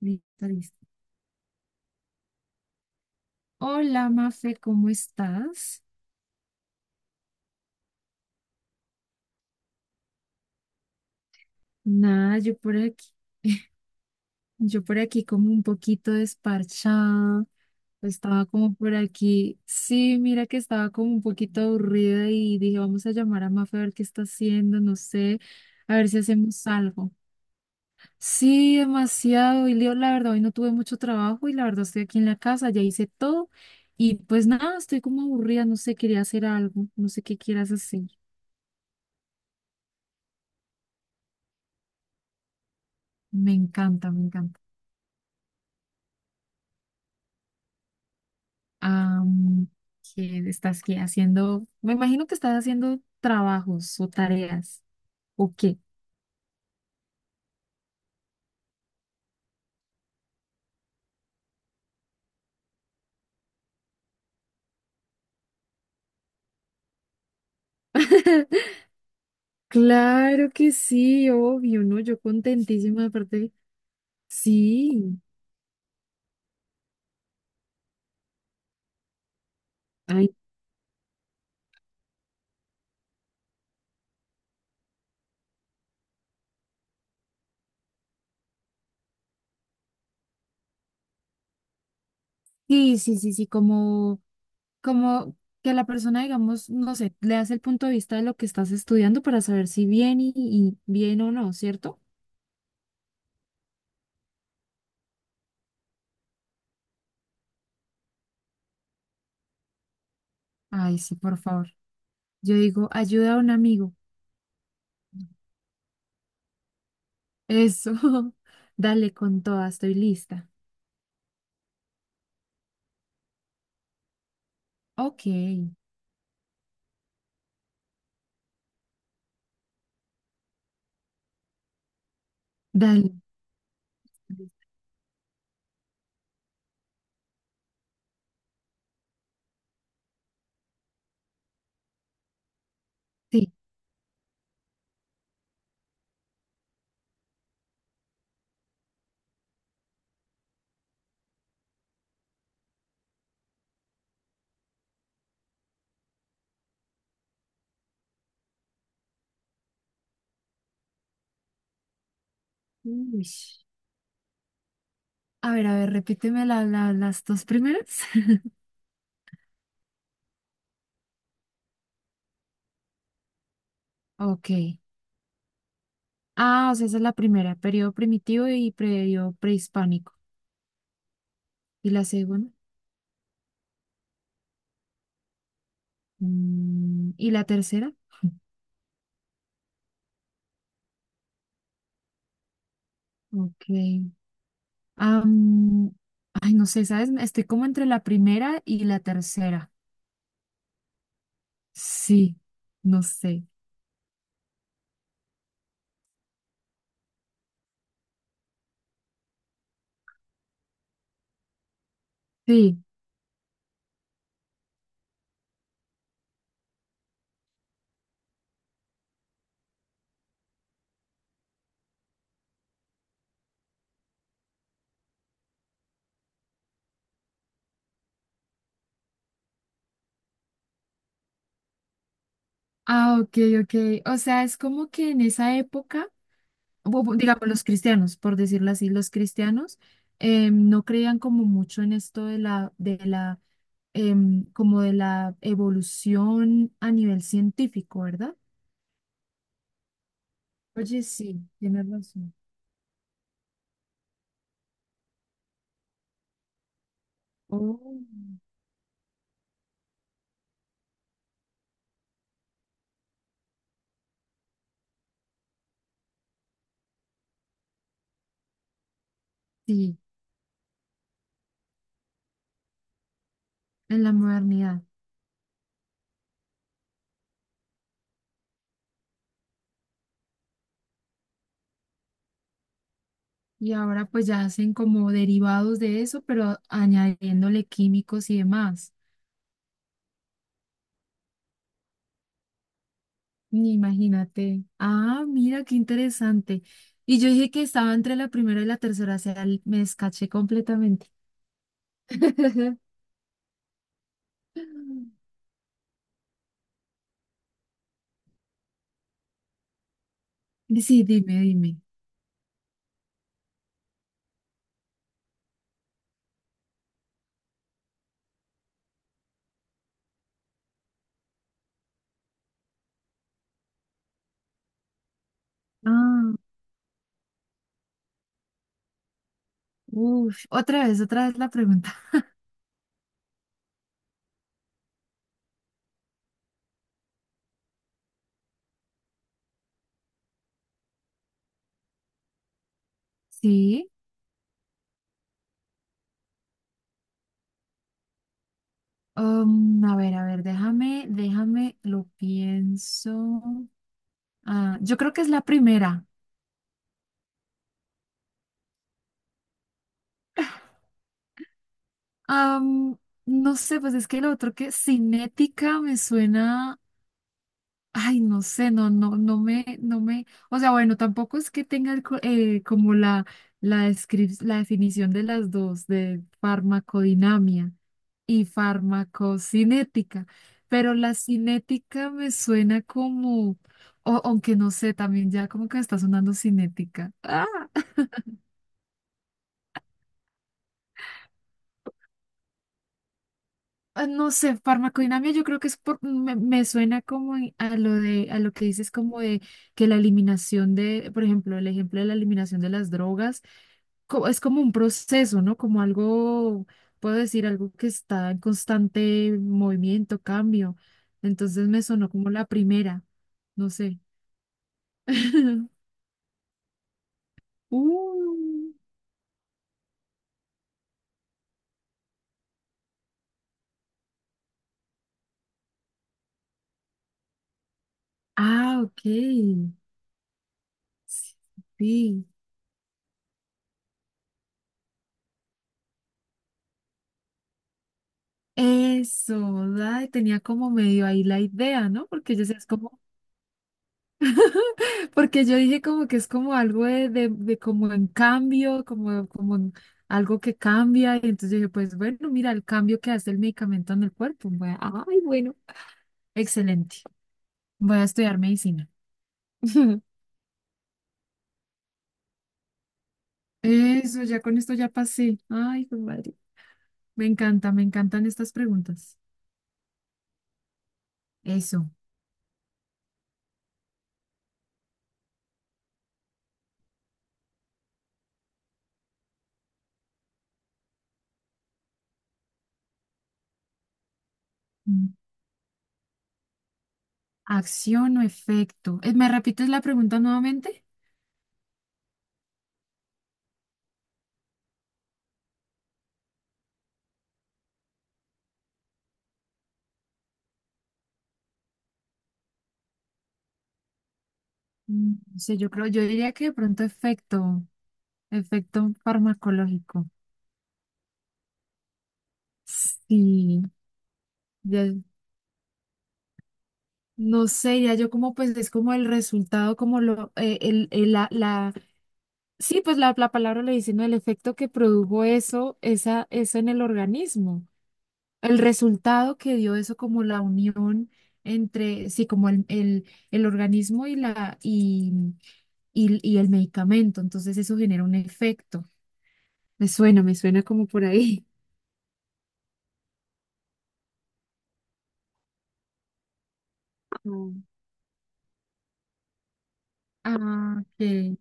Listo, listo. Hola, Mafe, ¿cómo estás? Nada, yo por aquí como un poquito desparchada. Estaba como por aquí. Sí, mira que estaba como un poquito aburrida y dije, vamos a llamar a Mafe a ver qué está haciendo, no sé, a ver si hacemos algo. Sí, demasiado. Y Leo, la verdad, hoy no tuve mucho trabajo y la verdad estoy aquí en la casa, ya hice todo. Y pues nada, estoy como aburrida, no sé, quería hacer algo, no sé qué quieras hacer. Me encanta, me encanta. am, ¿Que estás que haciendo? Me imagino que estás haciendo trabajos o tareas, ¿o qué? Claro que sí, obvio, ¿no? Yo contentísima de parte. Sí, ay, sí, sí, sí, sí, como, como que la persona, digamos, no sé, le hace el punto de vista de lo que estás estudiando para saber si bien y, bien o no, ¿cierto? Ay, sí, por favor. Yo digo, ayuda a un amigo. Eso, dale con toda, estoy lista. Ok. Dale. Sí. Uy. A ver, repíteme las dos primeras. Ok. Ah, o sea, esa es la primera, periodo primitivo y periodo prehispánico. ¿Y la segunda? Mm, ¿y la tercera? Ok. Am, ay, no sé, ¿sabes? Estoy como entre la primera y la tercera. Sí, no sé. Sí. Ah, ok, ok. O sea, es como que en esa época digamos, los cristianos, por decirlo así, los cristianos no creían como mucho en esto de como de la evolución a nivel científico, ¿verdad? Oye, sí, tienes razón. Oh. Sí, en la modernidad. Y ahora pues ya hacen como derivados de eso, pero añadiéndole químicos y demás. Ni imagínate. Ah, mira, qué interesante. Y yo dije que estaba entre la primera y la tercera, o sea, me escaché completamente. Sí, dime, dime. Ah, uf, otra vez la pregunta. Sí. A ver, a ver, déjame, lo pienso. Ah, yo creo que es la primera. Am, no sé, pues es que lo otro que cinética me suena. Ay, no sé, no, no, no me, o sea, bueno, tampoco es que tenga el como la, la definición de las dos, de farmacodinamia y farmacocinética, pero la cinética me suena como, o, aunque no sé, también ya como que me está sonando cinética. Ah, ah, no sé, farmacodinamia yo creo que es por, me suena como a lo de, a lo que dices como de que la eliminación de, por ejemplo, el ejemplo de la eliminación de las drogas es como un proceso, ¿no? Como algo, puedo decir, algo que está en constante movimiento, cambio. Entonces me sonó como la primera, no sé. Uh, ah, ok. Sí. Eso, ay, tenía como medio ahí la idea, ¿no? Porque yo decía, es como... Porque yo dije como que es como algo de como en cambio, como en algo que cambia. Y entonces dije, pues bueno, mira el cambio que hace el medicamento en el cuerpo. Ay, bueno, excelente. Voy a estudiar medicina. Eso, ya con esto ya pasé. Ay, qué madre. Me encanta, me encantan estas preguntas. Eso. Mm. Acción o efecto. ¿Me repites la pregunta nuevamente? Mm, no yo creo, yo diría que de pronto efecto, efecto farmacológico. Sí. Ya, no sé, ya yo como pues es como el resultado, como lo, la, sí, pues la palabra lo dice, ¿no? El efecto que produjo eso, esa, eso en el organismo, el resultado que dio eso como la unión entre, sí, como el organismo y y el medicamento, entonces eso genera un efecto. Me suena como por ahí. Mm. Ah, que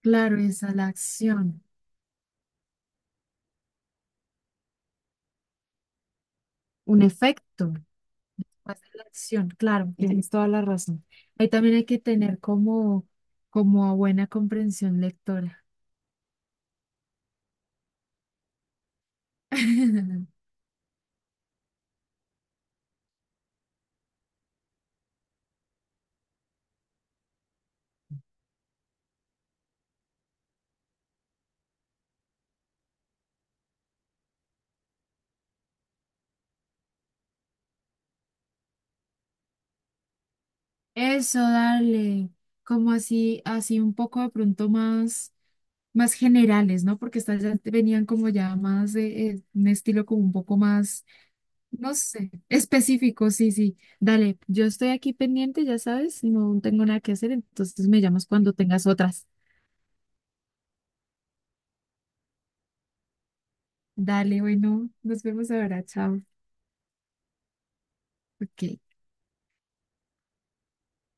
claro, esa es la acción, un efecto. Más de la acción, claro, sí, tienes toda la razón. Ahí también hay que tener como, como a buena comprensión lectora. Eso, dale, como así, así un poco de pronto más, más generales, ¿no? Porque estas ya te venían como ya más de un estilo como un poco más, no sé, específico, sí, sí. Dale, yo estoy aquí pendiente, ya sabes, no tengo nada que hacer, entonces me llamas cuando tengas otras. Dale, bueno, nos vemos ahora, chao. Ok.